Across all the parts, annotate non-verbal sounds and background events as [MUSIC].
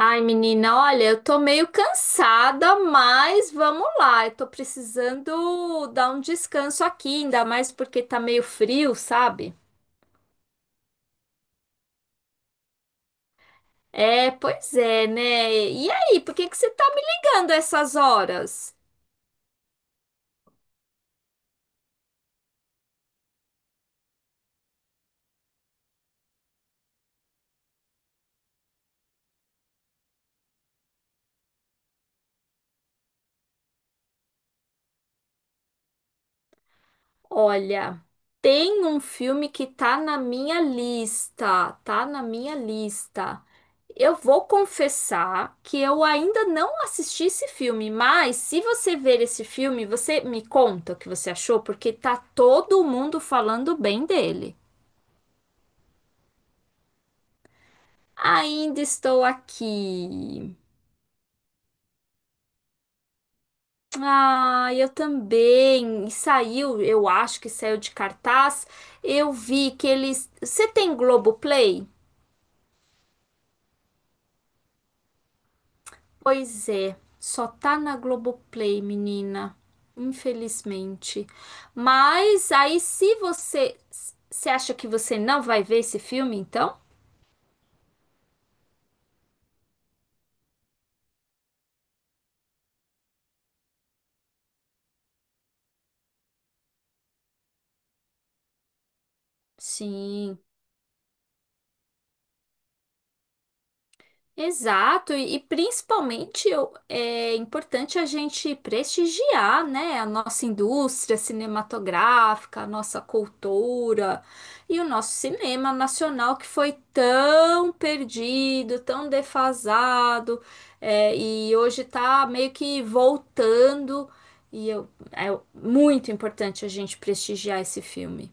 Ai, menina, olha, eu tô meio cansada, mas vamos lá. Eu tô precisando dar um descanso aqui, ainda mais porque tá meio frio, sabe? É, pois é, né? E aí, por que que você tá me ligando a essas horas? Olha, tem um filme que tá na minha lista, tá na minha lista. Eu vou confessar que eu ainda não assisti esse filme, mas se você ver esse filme, você me conta o que você achou, porque tá todo mundo falando bem dele. Ainda estou aqui. Ah, eu também. E saiu, eu acho que saiu de cartaz. Eu vi que eles. Você tem Globoplay? Pois é, só tá na Globoplay, menina. Infelizmente. Mas aí, se você. Você acha que você não vai ver esse filme, então? Sim. Exato, e principalmente é importante a gente prestigiar, né, a nossa indústria cinematográfica, a nossa cultura e o nosso cinema nacional que foi tão perdido, tão defasado, e hoje está meio que voltando, e é muito importante a gente prestigiar esse filme.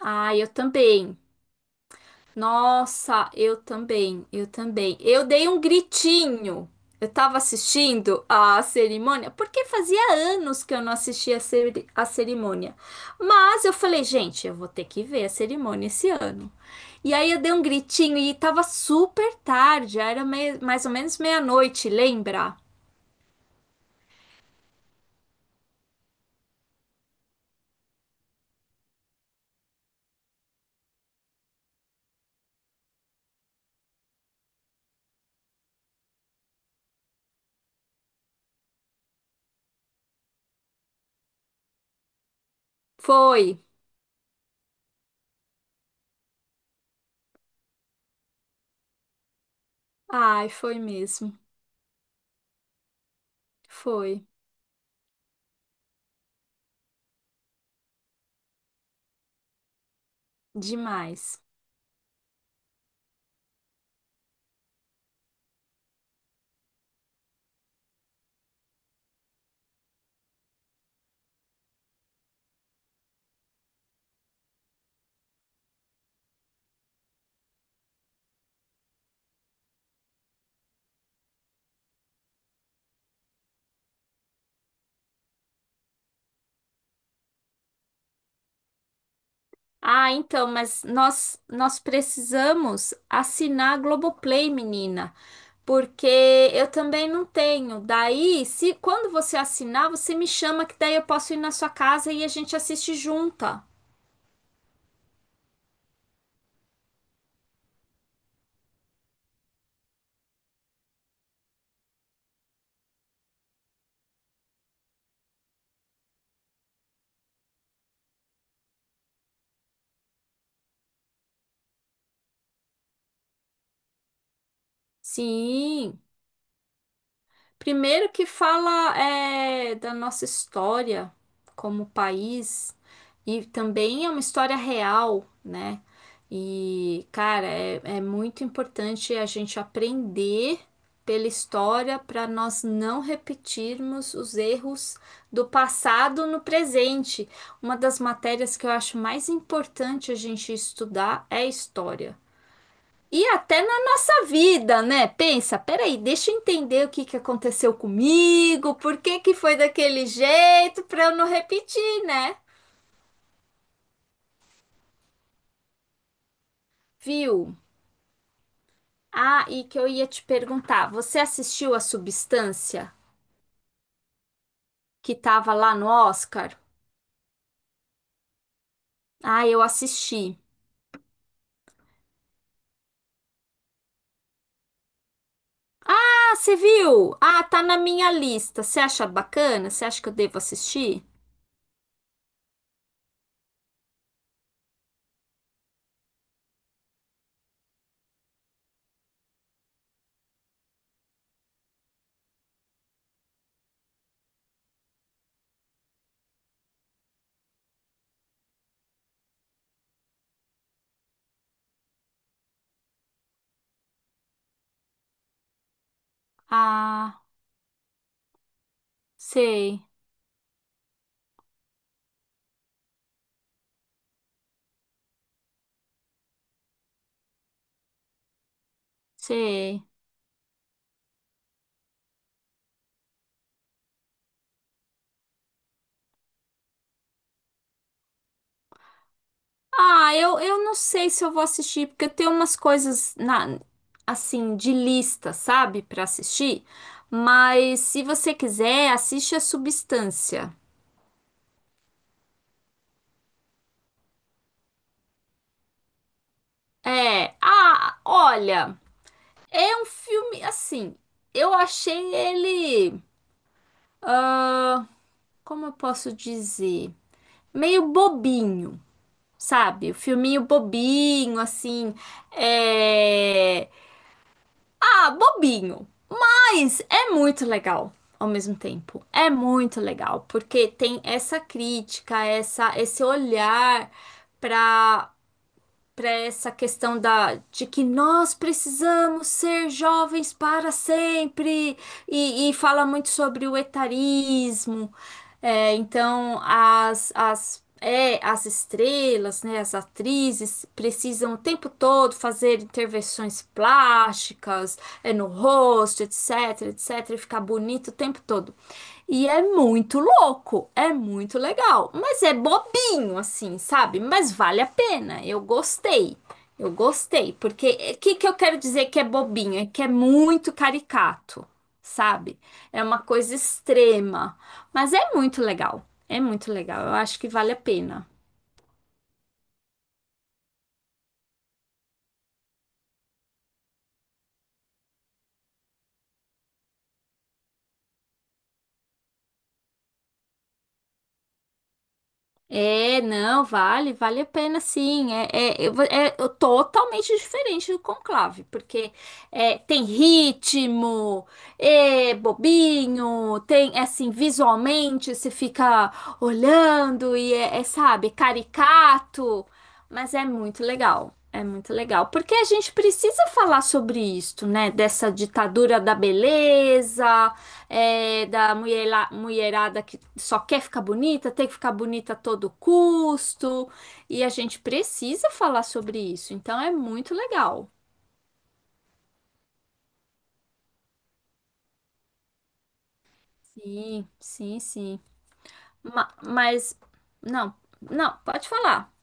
Ah, eu também. Nossa, eu também, eu também. Eu dei um gritinho. Eu tava assistindo a cerimônia, porque fazia anos que eu não assistia a a cerimônia. Mas eu falei, gente, eu vou ter que ver a cerimônia esse ano. E aí eu dei um gritinho e tava super tarde, já era mais ou menos meia-noite, lembra? Foi. Ai, foi mesmo. Foi demais. Ah, então, mas nós precisamos assinar a Globoplay, menina, porque eu também não tenho. Daí, se quando você assinar, você me chama que daí eu posso ir na sua casa e a gente assiste junta. Sim. Primeiro que fala da nossa história como país e também é uma história real, né? E, cara, é muito importante a gente aprender pela história para nós não repetirmos os erros do passado no presente. Uma das matérias que eu acho mais importante a gente estudar é a história. E até na nossa vida, né? Pensa, peraí, deixa eu entender o que que aconteceu comigo, por que que foi daquele jeito, para eu não repetir, né? Viu? Ah, e que eu ia te perguntar, você assistiu a Substância que tava lá no Oscar? Ah, eu assisti. Ah, você viu? Ah, tá na minha lista. Você acha bacana? Você acha que eu devo assistir? Ah, sei, sei. Ah, eu não sei se eu vou assistir, porque eu tenho umas coisas na, assim, de lista, sabe, pra assistir. Mas se você quiser, assiste a Substância. Olha, é um filme assim. Eu achei ele, como eu posso dizer, meio bobinho, sabe? O filminho bobinho, assim, é, bobinho. Mas é muito legal ao mesmo tempo. É muito legal, porque tem essa crítica, essa, esse olhar para para essa questão da, de que nós precisamos ser jovens para sempre, e fala muito sobre o etarismo. É, então, as estrelas, né, as atrizes, precisam o tempo todo fazer intervenções plásticas, no rosto, etc, etc, e ficar bonito o tempo todo. E é muito louco, é muito legal, mas é bobinho assim, sabe? Mas vale a pena. Eu gostei. Eu gostei, porque o que que eu quero dizer que é bobinho? É que é muito caricato, sabe? É uma coisa extrema, mas é muito legal. É muito legal. Eu acho que vale a pena. É, não, vale, vale a pena sim. Eu vou, totalmente diferente do Conclave, porque é, tem ritmo, é bobinho, tem é assim, visualmente você fica olhando e sabe, caricato, mas é muito legal. É muito legal, porque a gente precisa falar sobre isso, né? Dessa ditadura da beleza, da mulherada que só quer ficar bonita, tem que ficar bonita a todo custo, e a gente precisa falar sobre isso, então é muito legal. Sim, sim, sim. Ma- mas, não, não, pode falar.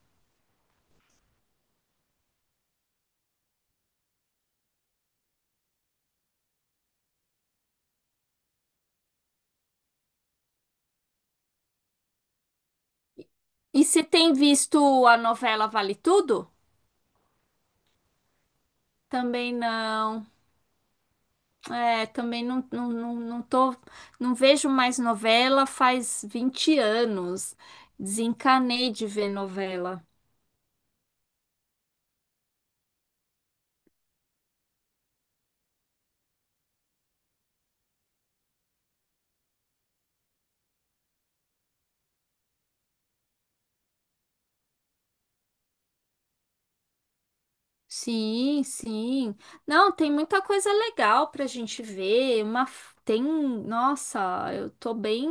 E você tem visto a novela Vale Tudo? Também não. É, também não, não tô, não vejo mais novela faz 20 anos. Desencanei de ver novela. Sim, sim. Não, tem muita coisa legal pra gente ver. Tem, nossa, eu tô bem,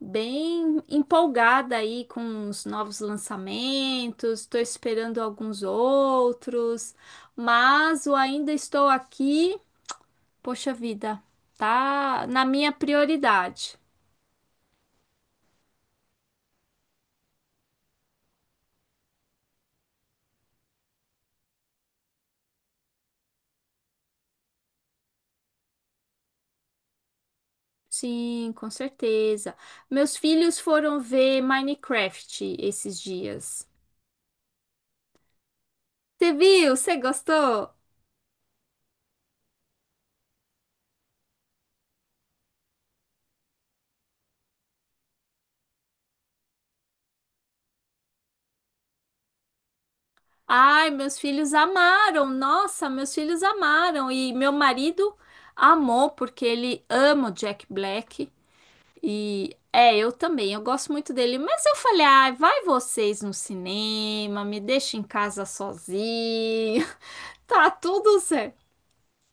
bem empolgada aí com os novos lançamentos. Tô esperando alguns outros, mas o ainda estou aqui. Poxa vida, tá na minha prioridade. Sim, com certeza. Meus filhos foram ver Minecraft esses dias. Você viu? Você gostou? Ai, meus filhos amaram. Nossa, meus filhos amaram. E meu marido amou porque ele ama o Jack Black. Eu também, eu gosto muito dele. Mas eu falei, ai, vai vocês no cinema, me deixa em casa sozinho. [LAUGHS] Tá tudo certo.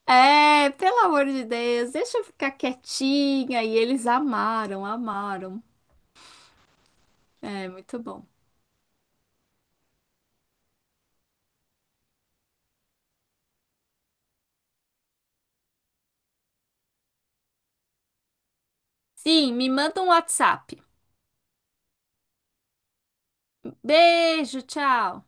É, pelo amor de Deus, deixa eu ficar quietinha. E eles amaram, amaram. É, muito bom. Sim, me manda um WhatsApp. Beijo, tchau.